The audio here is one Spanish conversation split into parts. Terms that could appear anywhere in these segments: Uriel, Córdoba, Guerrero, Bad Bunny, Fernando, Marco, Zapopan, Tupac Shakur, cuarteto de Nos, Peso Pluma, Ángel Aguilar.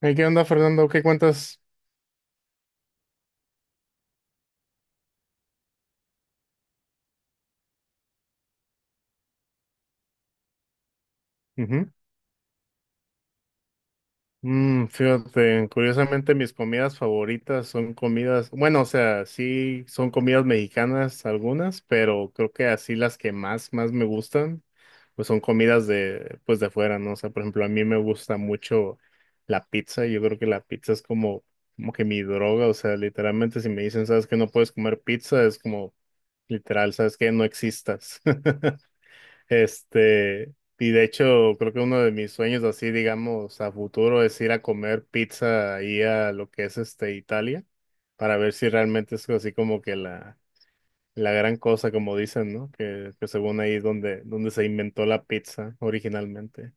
Hey, ¿qué onda, Fernando? ¿Qué cuentas? Ujú. Fíjate, curiosamente mis comidas favoritas son comidas, bueno, o sea, sí son comidas mexicanas algunas, pero creo que así las que más me gustan, pues son comidas de, pues de afuera, ¿no? O sea, por ejemplo, a mí me gusta mucho la pizza, yo creo que la pizza es como, como que mi droga, o sea, literalmente si me dicen, ¿sabes que No puedes comer pizza, es como, literal, ¿sabes que No existas. Este, y de hecho, creo que uno de mis sueños así, digamos, a futuro es ir a comer pizza ahí a lo que es este Italia, para ver si realmente es así como que la gran cosa, como dicen, ¿no? Que según ahí es donde, donde se inventó la pizza originalmente.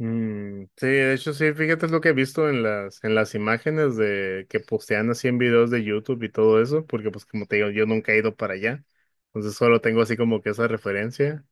Mm, sí, de hecho sí, fíjate es lo que he visto en las imágenes de que postean así en videos de YouTube y todo eso, porque pues como te digo, yo nunca he ido para allá, entonces solo tengo así como que esa referencia.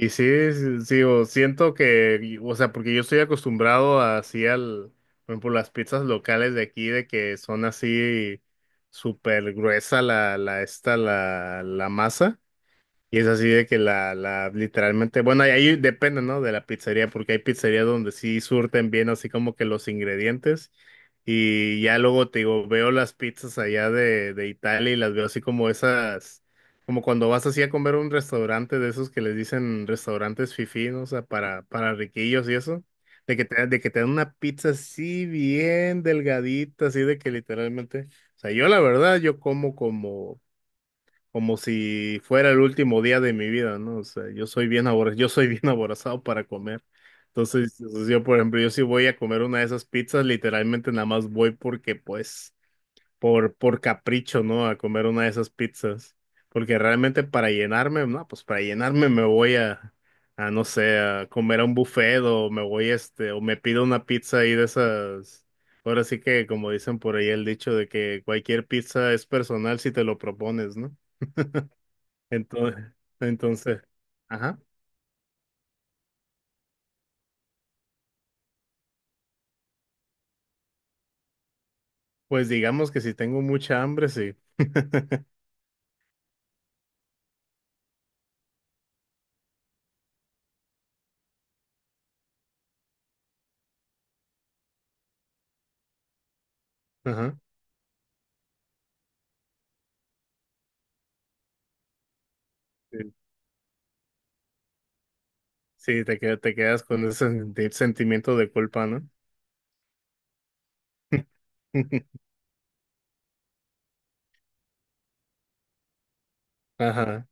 Y sí, sí, sí, o siento que, o sea, porque yo estoy acostumbrado así al, por ejemplo, las pizzas locales de aquí, de que son así súper gruesa la masa. Y es así de que literalmente, bueno, ahí depende, ¿no? De la pizzería, porque hay pizzerías donde sí surten bien así como que los ingredientes. Y ya luego te digo, veo las pizzas allá de Italia y las veo así como esas, como cuando vas así a comer a un restaurante de esos que les dicen restaurantes fifí, ¿no? O sea, para riquillos y eso. De que te dan una pizza así bien delgadita, así de que literalmente. O sea, yo la verdad, yo como como si fuera el último día de mi vida, ¿no? O sea, yo soy yo soy bien aborazado para comer. Entonces, o yo, por ejemplo, yo sí voy a comer una de esas pizzas, literalmente nada más voy porque, pues, por capricho, ¿no? A comer una de esas pizzas. Porque realmente para llenarme, no, pues para llenarme me voy a no sé, a comer a un buffet o me voy, este, o me pido una pizza ahí de esas. Ahora sí que, como dicen por ahí el dicho de que cualquier pizza es personal si te lo propones, ¿no? Entonces, entonces, ajá. Pues digamos que si tengo mucha hambre, sí. Ajá. Sí, sí, te quedas con ese sentimiento de culpa, ¿no? Ajá.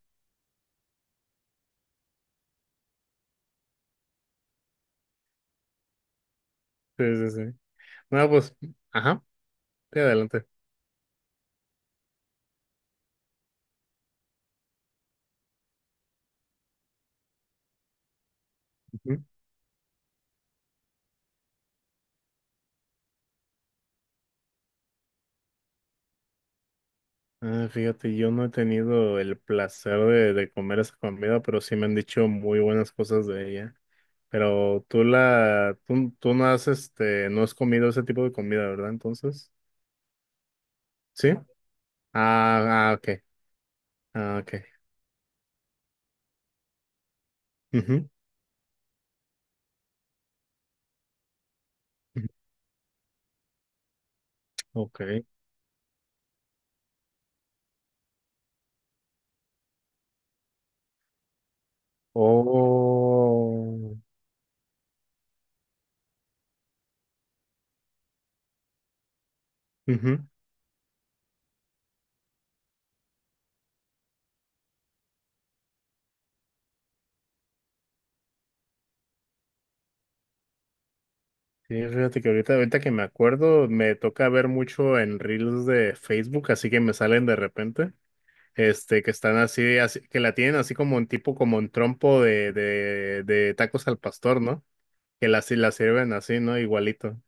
Sí, sí, sí. No, pues, ajá. Sí, adelante. Ujú. Ah, fíjate, yo no he tenido el placer de comer esa comida, pero sí me han dicho muy buenas cosas de ella. Pero tú no has, este, no has comido ese tipo de comida, ¿verdad? Entonces, ¿sí? Ah, ah, ok. Ah, ok. Ujú, ujú, ok. Oh. Ujú. Sí, fíjate que ahorita que me acuerdo, me toca ver mucho en reels de Facebook, así que me salen de repente, este, que están que la tienen así como un tipo, como un trompo de tacos al pastor, ¿no? Que la, sí la sirven así, ¿no? Igualito.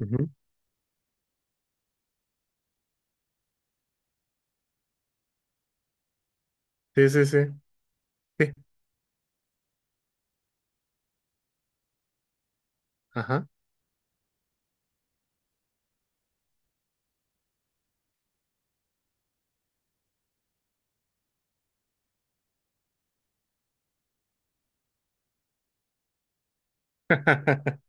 Ujú. Sí, sí, sí. Sí. Ajá.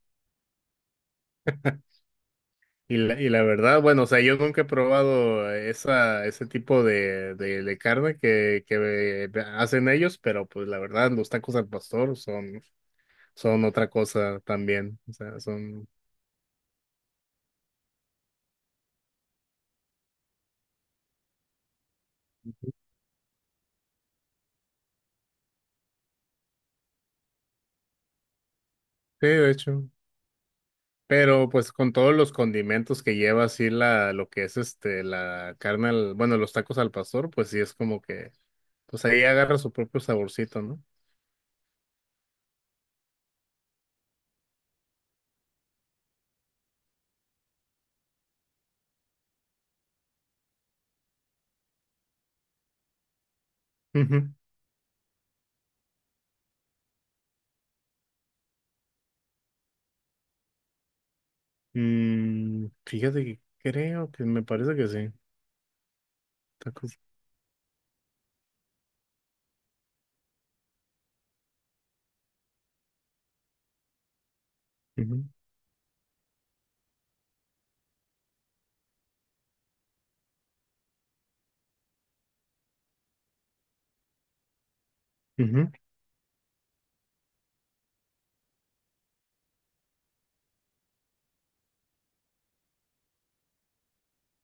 Y la verdad, bueno, o sea, yo nunca he probado esa, ese tipo de carne que hacen ellos, pero pues la verdad, los tacos al pastor son, son otra cosa también. O sea, son, sí, de hecho. Pero pues con todos los condimentos que lleva así la, lo que es este, la carne, bueno, los tacos al pastor, pues sí es como que, pues ahí agarra su propio saborcito, ¿no? Ujú. Mm, fíjate que creo que me parece que sí. Tacos. Ujú, ujú.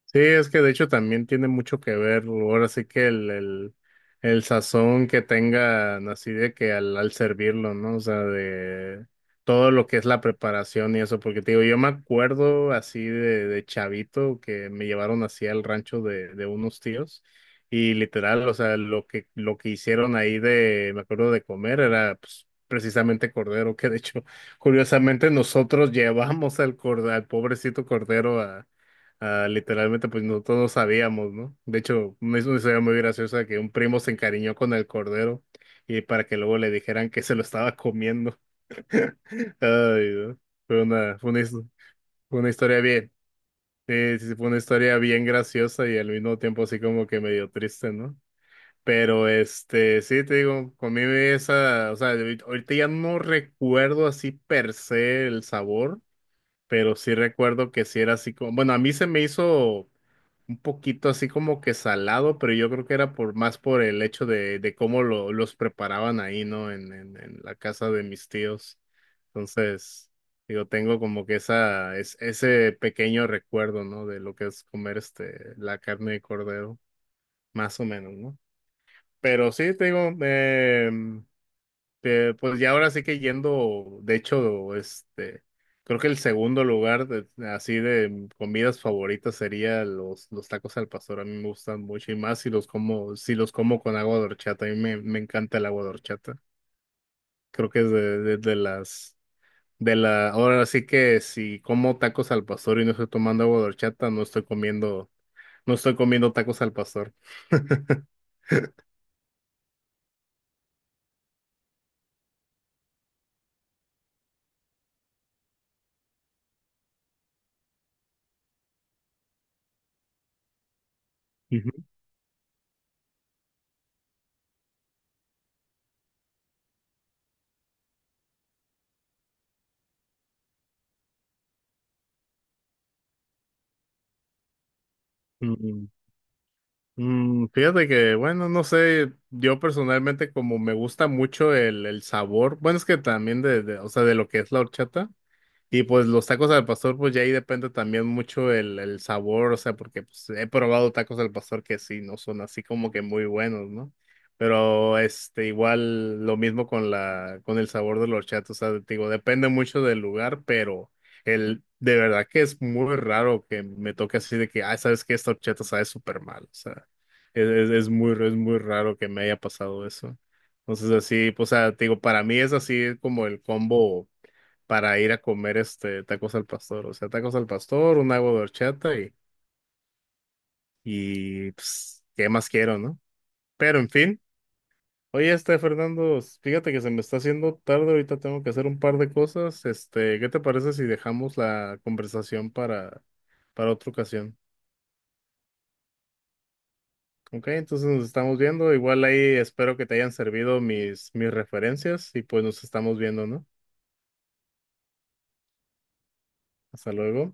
Sí, es que de hecho también tiene mucho que ver, ahora sí que el sazón que tengan así de que al servirlo, ¿no? O sea, de todo lo que es la preparación y eso, porque te digo, yo me acuerdo así de chavito que me llevaron así al rancho de unos tíos y literal, o sea, lo que hicieron ahí de, me acuerdo de comer era pues precisamente cordero, que de hecho, curiosamente nosotros llevamos al pobrecito cordero a. Ah, literalmente, pues nosotros no todos sabíamos, ¿no? De hecho, es una historia muy graciosa que un primo se encariñó con el cordero y para que luego le dijeran que se lo estaba comiendo. Ay, no. Fue una, fue una, his- fue una historia bien, sí, sí, sí, fue una historia bien graciosa y al mismo tiempo así como que medio triste, ¿no? Pero este, sí, te digo, conmigo esa, o sea, ahorita ya no recuerdo así per se el sabor, pero sí recuerdo que sí era así como, bueno, a mí se me hizo un poquito así como que salado, pero yo creo que era por más por el hecho de cómo lo, los preparaban ahí, ¿no? En la casa de mis tíos. Entonces, digo, tengo como que ese pequeño recuerdo, ¿no? De lo que es comer este, la carne de cordero, más o menos, ¿no? Pero sí, te digo, pues ya ahora sí que yendo, de hecho, este, creo que el segundo lugar así de comidas favoritas sería los tacos al pastor. A mí me gustan mucho y más si los como, si los como con agua de horchata. A mí me encanta el agua de horchata. Creo que es de de la, ahora sí que si como tacos al pastor y no estoy tomando agua de horchata, no estoy comiendo, no estoy comiendo tacos al pastor. Ujú. Mm, fíjate que, bueno, no sé, yo personalmente como me gusta mucho el sabor, bueno, es que también o sea, de lo que es la horchata. Y pues los tacos al pastor, pues ya ahí depende también mucho el sabor, o sea, porque pues, he probado tacos al pastor que sí, no son así como que muy buenos, ¿no? Pero este, igual lo mismo con la, con el sabor de los chatos, o sea, te digo, depende mucho del lugar, pero el, de verdad que es muy raro que me toque así de que, ah, sabes que esta horchata sabe súper mal, o sea, es muy raro que me haya pasado eso. Entonces así, pues, o sea, te digo, para mí es así como el combo para ir a comer este tacos al pastor. O sea, tacos al pastor, un agua de horchata y pues, ¿qué más quiero, no? Pero en fin, oye, este Fernando, fíjate que se me está haciendo tarde, ahorita tengo que hacer un par de cosas. Este, ¿qué te parece si dejamos la conversación para otra ocasión? Ok, entonces nos estamos viendo. Igual ahí espero que te hayan servido mis referencias y pues nos estamos viendo, ¿no? Hasta luego.